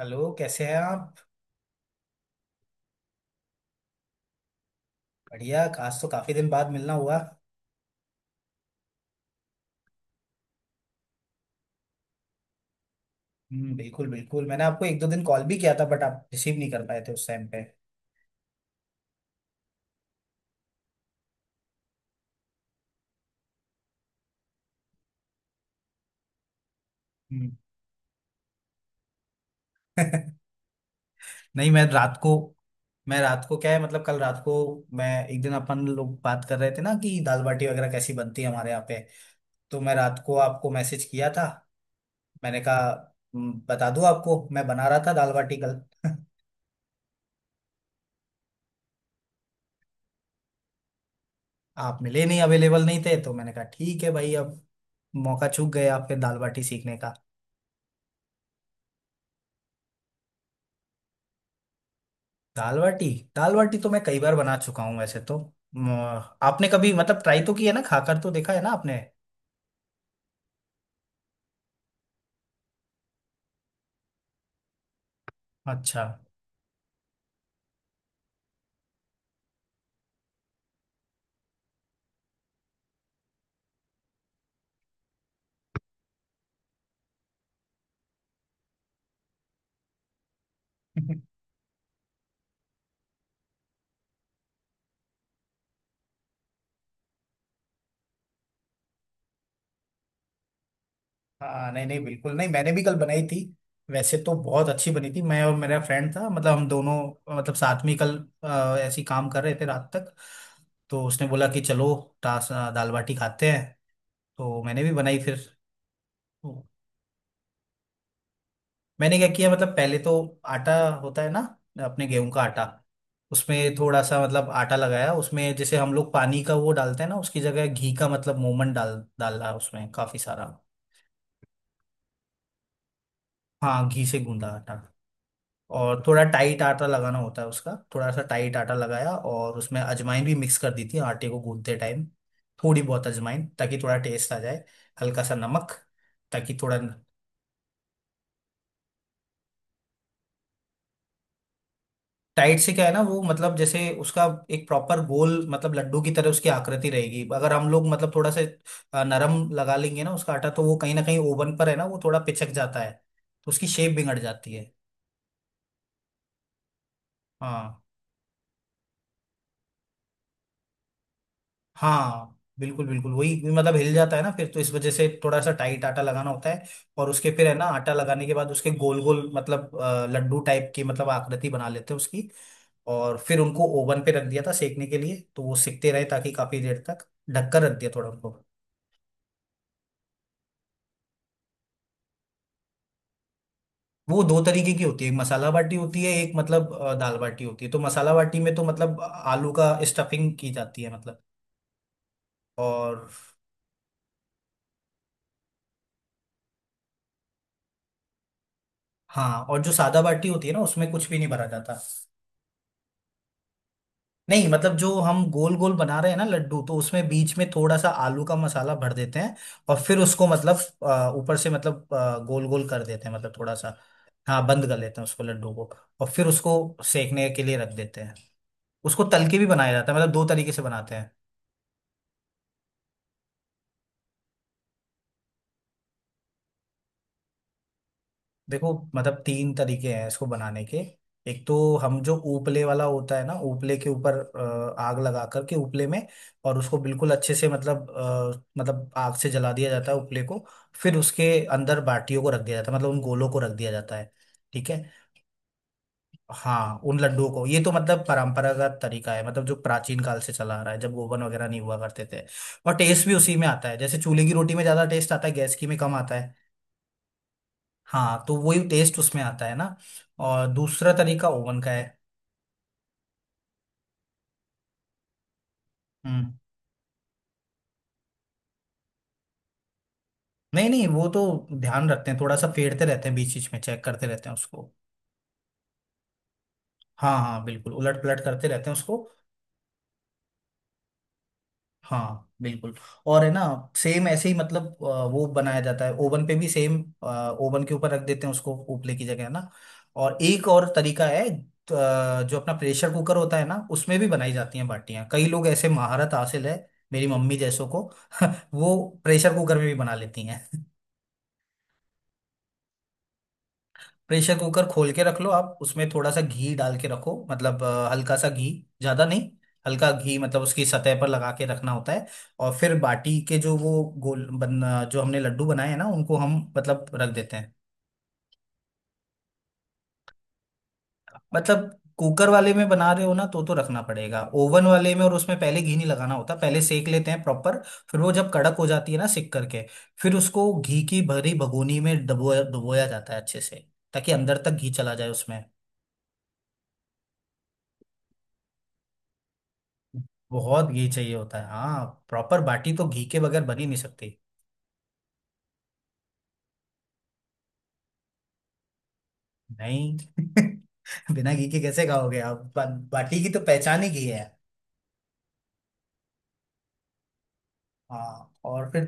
Hello, कैसे हैं आप? बढ़िया, आज तो काफी दिन बाद मिलना हुआ। हम्म, बिल्कुल बिल्कुल, मैंने आपको एक दो दिन कॉल भी किया था बट आप रिसीव नहीं कर पाए थे उस टाइम पे। हम्म। नहीं, मैं रात को क्या है, मतलब कल रात को मैं एक दिन, अपन लोग बात कर रहे थे ना कि दाल बाटी वगैरह कैसी बनती है हमारे यहाँ पे। तो मैं रात को आपको मैसेज किया था। मैंने कहा, बता दूं आपको, मैं बना रहा था दाल बाटी कल।" आप मिले नहीं, अवेलेबल नहीं थे, तो मैंने कहा ठीक है भाई, अब मौका चूक गए आपके दाल बाटी सीखने दाल बाटी दाल बाटी तो मैं कई बार बना चुका हूँ वैसे तो। म, आपने कभी मतलब ट्राई तो किया ना, खाकर तो देखा है ना आपने? अच्छा। हाँ, नहीं नहीं, बिल्कुल नहीं, मैंने भी कल बनाई थी। वैसे तो बहुत अच्छी बनी थी। मैं और मेरा फ्रेंड था, मतलब हम दोनों मतलब साथ में ही कल ऐसे ही काम कर रहे थे रात तक। तो उसने बोला कि चलो दाल बाटी खाते हैं। तो मैंने भी बनाई फिर। मैंने क्या किया मतलब, पहले तो आटा होता है ना, अपने गेहूं का आटा। उसमें थोड़ा सा मतलब आटा लगाया, उसमें जैसे हम लोग पानी का वो डालते हैं ना, उसकी जगह घी का मतलब मोमन डाल डाला उसमें काफी सारा। हाँ, घी से गूंदा आटा। और थोड़ा टाइट आटा लगाना होता है उसका। थोड़ा सा टाइट आटा लगाया और उसमें अजवाइन भी मिक्स कर दी थी आटे को गूंदते टाइम। थोड़ी बहुत अजवाइन, ताकि थोड़ा टेस्ट आ जाए। हल्का सा नमक। ताकि थोड़ा टाइट से क्या है ना, वो मतलब जैसे उसका एक प्रॉपर गोल, मतलब लड्डू की तरह उसकी आकृति रहेगी। अगर हम लोग मतलब थोड़ा से नरम लगा लेंगे ना उसका आटा, तो वो कहीं ना कहीं ओवन पर है ना, वो थोड़ा पिचक जाता है। तो उसकी शेप बिगड़ जाती है। हाँ हाँ, बिल्कुल बिल्कुल, वही मतलब हिल जाता है ना फिर तो, इस वजह से थोड़ा सा टाइट आटा लगाना होता है। और उसके फिर है ना, आटा लगाने के बाद उसके गोल गोल मतलब लड्डू टाइप की मतलब आकृति बना लेते हैं उसकी। और फिर उनको ओवन पे रख दिया था सेकने के लिए। तो वो सिकते रहे, ताकि काफी देर तक ढककर रख दिया थोड़ा उनको। वो दो तरीके की होती है, एक मसाला बाटी होती है, एक मतलब दाल बाटी होती है। तो मसाला बाटी में तो मतलब आलू का स्टफिंग की जाती है मतलब। और हाँ, और जो सादा बाटी होती है ना, उसमें कुछ भी नहीं भरा जाता। नहीं मतलब, जो हम गोल गोल बना रहे हैं ना लड्डू, तो उसमें बीच में थोड़ा सा आलू का मसाला भर देते हैं। और फिर उसको मतलब ऊपर से मतलब गोल गोल कर देते हैं, मतलब थोड़ा सा। हाँ, बंद कर लेते हैं उसको, लड्डू को। और फिर उसको सेकने के लिए रख देते हैं। उसको तल के भी बनाया जाता है, मतलब दो तरीके से बनाते हैं। देखो, मतलब तीन तरीके हैं इसको बनाने के। एक तो, हम जो उपले वाला होता है ना, उपले के ऊपर आग लगा करके उपले में, और उसको बिल्कुल अच्छे से मतलब मतलब आग से जला दिया जाता है उपले को। फिर उसके अंदर बाटियों को रख दिया जाता है, मतलब उन गोलों को रख दिया जाता है। ठीक है। हाँ, उन लड्डुओं को। ये तो मतलब परंपरागत तरीका है, मतलब जो प्राचीन काल से चला आ रहा है, जब ओवन वगैरह नहीं हुआ करते थे। और टेस्ट भी उसी में आता है, जैसे चूल्हे की रोटी में ज्यादा टेस्ट आता है, गैस की में कम आता है। हाँ, तो वही टेस्ट उसमें आता है ना। और दूसरा तरीका ओवन का है। हम्म। नहीं नहीं, वो तो ध्यान रखते हैं, थोड़ा सा फेरते रहते हैं, बीच बीच में चेक करते रहते हैं उसको। हाँ हाँ, बिल्कुल उलट पलट करते रहते हैं उसको। हाँ बिल्कुल। और है ना, सेम ऐसे ही मतलब वो बनाया जाता है ओवन पे भी सेम। ओवन के ऊपर रख देते हैं उसको, उपले की जगह है ना। और एक और तरीका है, जो अपना प्रेशर कुकर होता है ना, उसमें भी बनाई जाती हैं बाटियां, कई लोग ऐसे महारत हासिल है, मेरी मम्मी जैसों को। वो प्रेशर कुकर में भी बना लेती हैं। प्रेशर कुकर खोल के रख लो आप, उसमें थोड़ा सा घी डाल के रखो मतलब, हल्का सा घी, ज्यादा नहीं। हल्का घी मतलब उसकी सतह पर लगा के रखना होता है। और फिर बाटी के जो वो गोल बन, जो हमने लड्डू बनाए हैं ना, उनको हम मतलब रख देते हैं। मतलब, कुकर वाले में बना रहे हो ना, तो रखना पड़ेगा। ओवन वाले में और उसमें पहले घी नहीं लगाना होता, पहले सेक लेते हैं प्रॉपर। फिर वो जब कड़क हो जाती है ना सिक करके, फिर उसको घी की भरी भगोनी में डुबोया डुबोया जाता है अच्छे से, ताकि अंदर तक घी चला जाए उसमें। बहुत घी चाहिए होता है, हाँ। प्रॉपर बाटी तो घी के बगैर बन ही नहीं सकती। नहीं। बिना घी के कैसे खाओगे आप? बाटी की तो पहचान ही घी है। हाँ, और फिर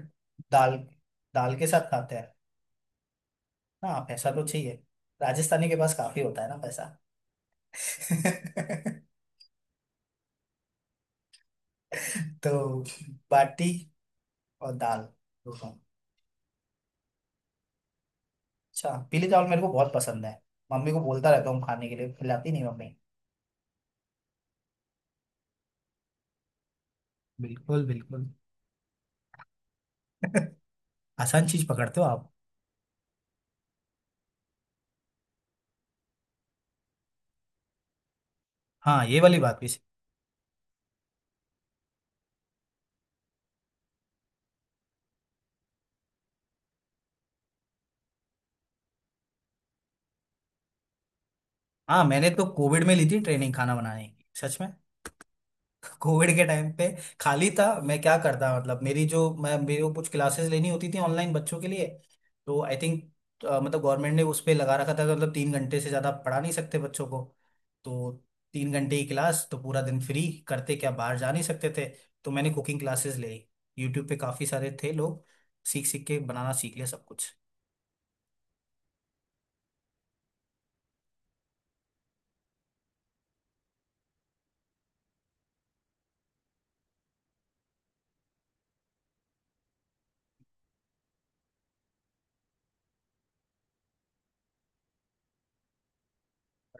दाल, दाल के साथ खाते हैं। हाँ, पैसा तो चाहिए, राजस्थानी के पास काफी होता है ना पैसा। तो बाटी और दाल दोनों। अच्छा, पीले चावल मेरे को बहुत पसंद है, मम्मी को बोलता रहता हूँ खाने के लिए, खिलाती नहीं मम्मी। बिल्कुल बिल्कुल। आसान चीज पकड़ते हो आप। हाँ, ये वाली बात भी। हाँ, मैंने तो कोविड में ली थी ट्रेनिंग खाना बनाने की, सच में। कोविड के टाइम पे खाली था मैं, क्या करता? मतलब मेरी जो, मैं मेरे को कुछ क्लासेस लेनी होती थी ऑनलाइन बच्चों के लिए। तो आई थिंक, मतलब गवर्नमेंट ने उस पे लगा रखा था कि मतलब 3 घंटे से ज़्यादा पढ़ा नहीं सकते बच्चों को। तो 3 घंटे की क्लास, तो पूरा दिन फ्री, करते क्या, बाहर जा नहीं सकते थे। तो मैंने कुकिंग क्लासेस ले, यूट्यूब पे काफ़ी सारे थे लोग, सीख सीख के बनाना सीख लिया सब कुछ।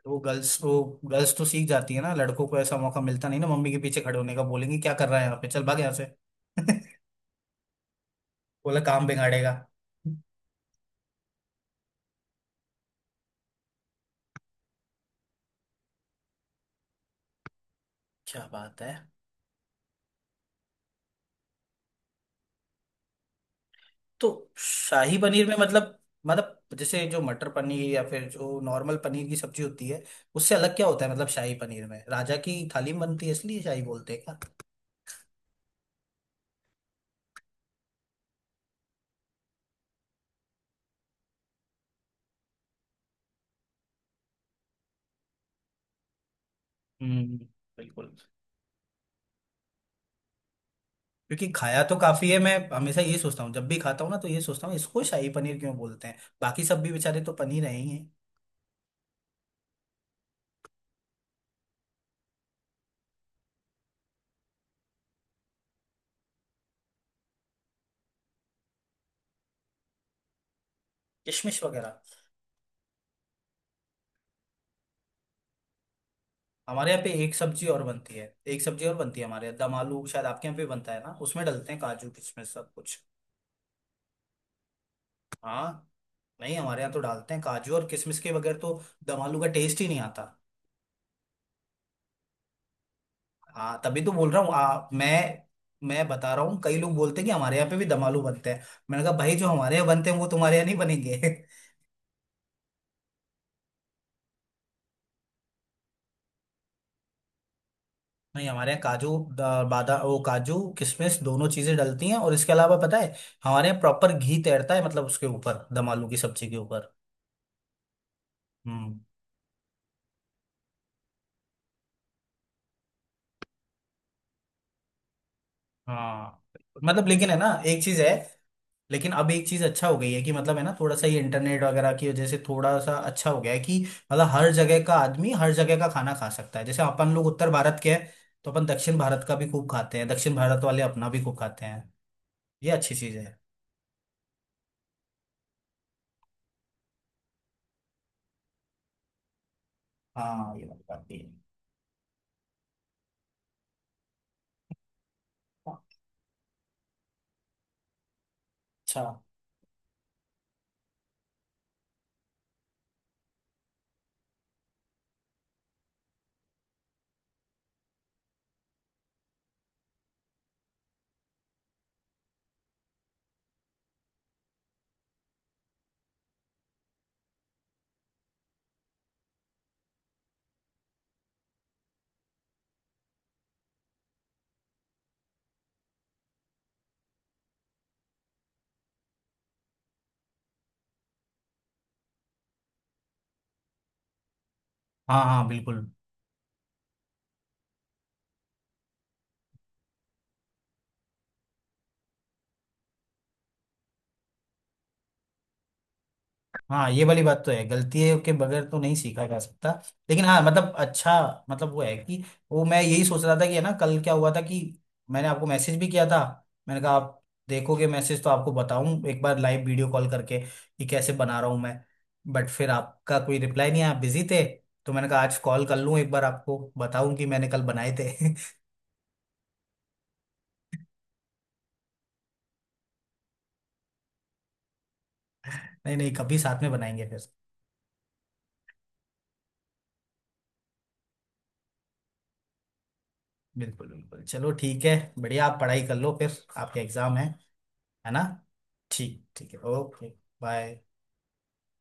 वो गर्ल्स, वो गर्ल्स तो सीख जाती है ना, लड़कों को ऐसा मौका मिलता नहीं ना, मम्मी के पीछे खड़े होने का, बोलेंगे क्या कर रहा है यहाँ पे, चल भाग यहाँ से। बोला काम बिगाड़ेगा। क्या बात है! तो शाही पनीर में मतलब, मतलब जैसे जो मटर पनीर या फिर जो नॉर्मल पनीर की सब्जी होती है, उससे अलग क्या होता है? मतलब शाही पनीर में राजा की थाली में बनती है, इसलिए शाही बोलते हैं क्या? हम्म, बिल्कुल। क्योंकि खाया तो काफी है, मैं हमेशा ये सोचता हूँ जब भी खाता हूँ ना, तो ये सोचता हूँ इसको शाही पनीर क्यों बोलते हैं, बाकी सब भी बेचारे तो पनीर है ही है। किशमिश वगैरह। हमारे यहाँ पे एक सब्जी और बनती है, हमारे यहाँ दम आलू, शायद आपके यहाँ पे बनता है ना, उसमें डलते हैं काजू किशमिश सब कुछ। हाँ, नहीं हमारे यहाँ तो डालते हैं काजू, और किशमिश के बगैर तो दम आलू का टेस्ट ही नहीं आता। हाँ, तभी तो बोल रहा हूँ। मैं बता रहा हूँ, कई लोग बोलते हैं कि हमारे यहाँ पे भी दम आलू बनते हैं। मैंने कहा भाई, जो हमारे यहाँ बनते हैं वो तुम्हारे यहाँ नहीं बनेंगे। नहीं हमारे यहाँ काजू, बादा, वो काजू किशमिश दोनों चीजें डलती हैं, और इसके अलावा पता है, हमारे यहाँ प्रॉपर घी तैरता है, मतलब उसके ऊपर दम आलू की सब्जी के ऊपर। हम्म। हाँ, मतलब लेकिन है ना एक चीज है, लेकिन अब एक चीज अच्छा हो गई है कि मतलब है ना, थोड़ा सा ये इंटरनेट वगैरह की वजह से थोड़ा सा अच्छा हो गया है कि मतलब, हर जगह का आदमी हर जगह का खाना खा सकता है। जैसे अपन लोग उत्तर भारत के हैं, तो अपन दक्षिण भारत का भी खूब खाते हैं, दक्षिण भारत वाले अपना भी खूब खाते हैं। ये अच्छी चीज है। हाँ, ये बात भी है। अच्छा। हाँ हाँ, बिल्कुल। हाँ, ये वाली बात तो है, गलतियों के बगैर तो नहीं सीखा जा सकता। लेकिन हाँ, मतलब, अच्छा, मतलब वो है कि, वो मैं यही सोच रहा था कि है ना, कल क्या हुआ था कि मैंने आपको मैसेज भी किया था। मैंने कहा, आप देखोगे मैसेज तो आपको बताऊं एक बार, लाइव वीडियो कॉल करके कि कैसे बना रहा हूं मैं। बट फिर आपका कोई रिप्लाई नहीं आया, आप बिजी थे। तो मैंने कहा आज कॉल कर लूं, एक बार आपको बताऊं कि मैंने कल बनाए थे। नहीं नहीं, कभी साथ में बनाएंगे फिर। बिल्कुल बिल्कुल, चलो ठीक है। बढ़िया, आप पढ़ाई कर लो फिर, आपके एग्जाम है ना? ठीक, ठीक है, ओके, बाय।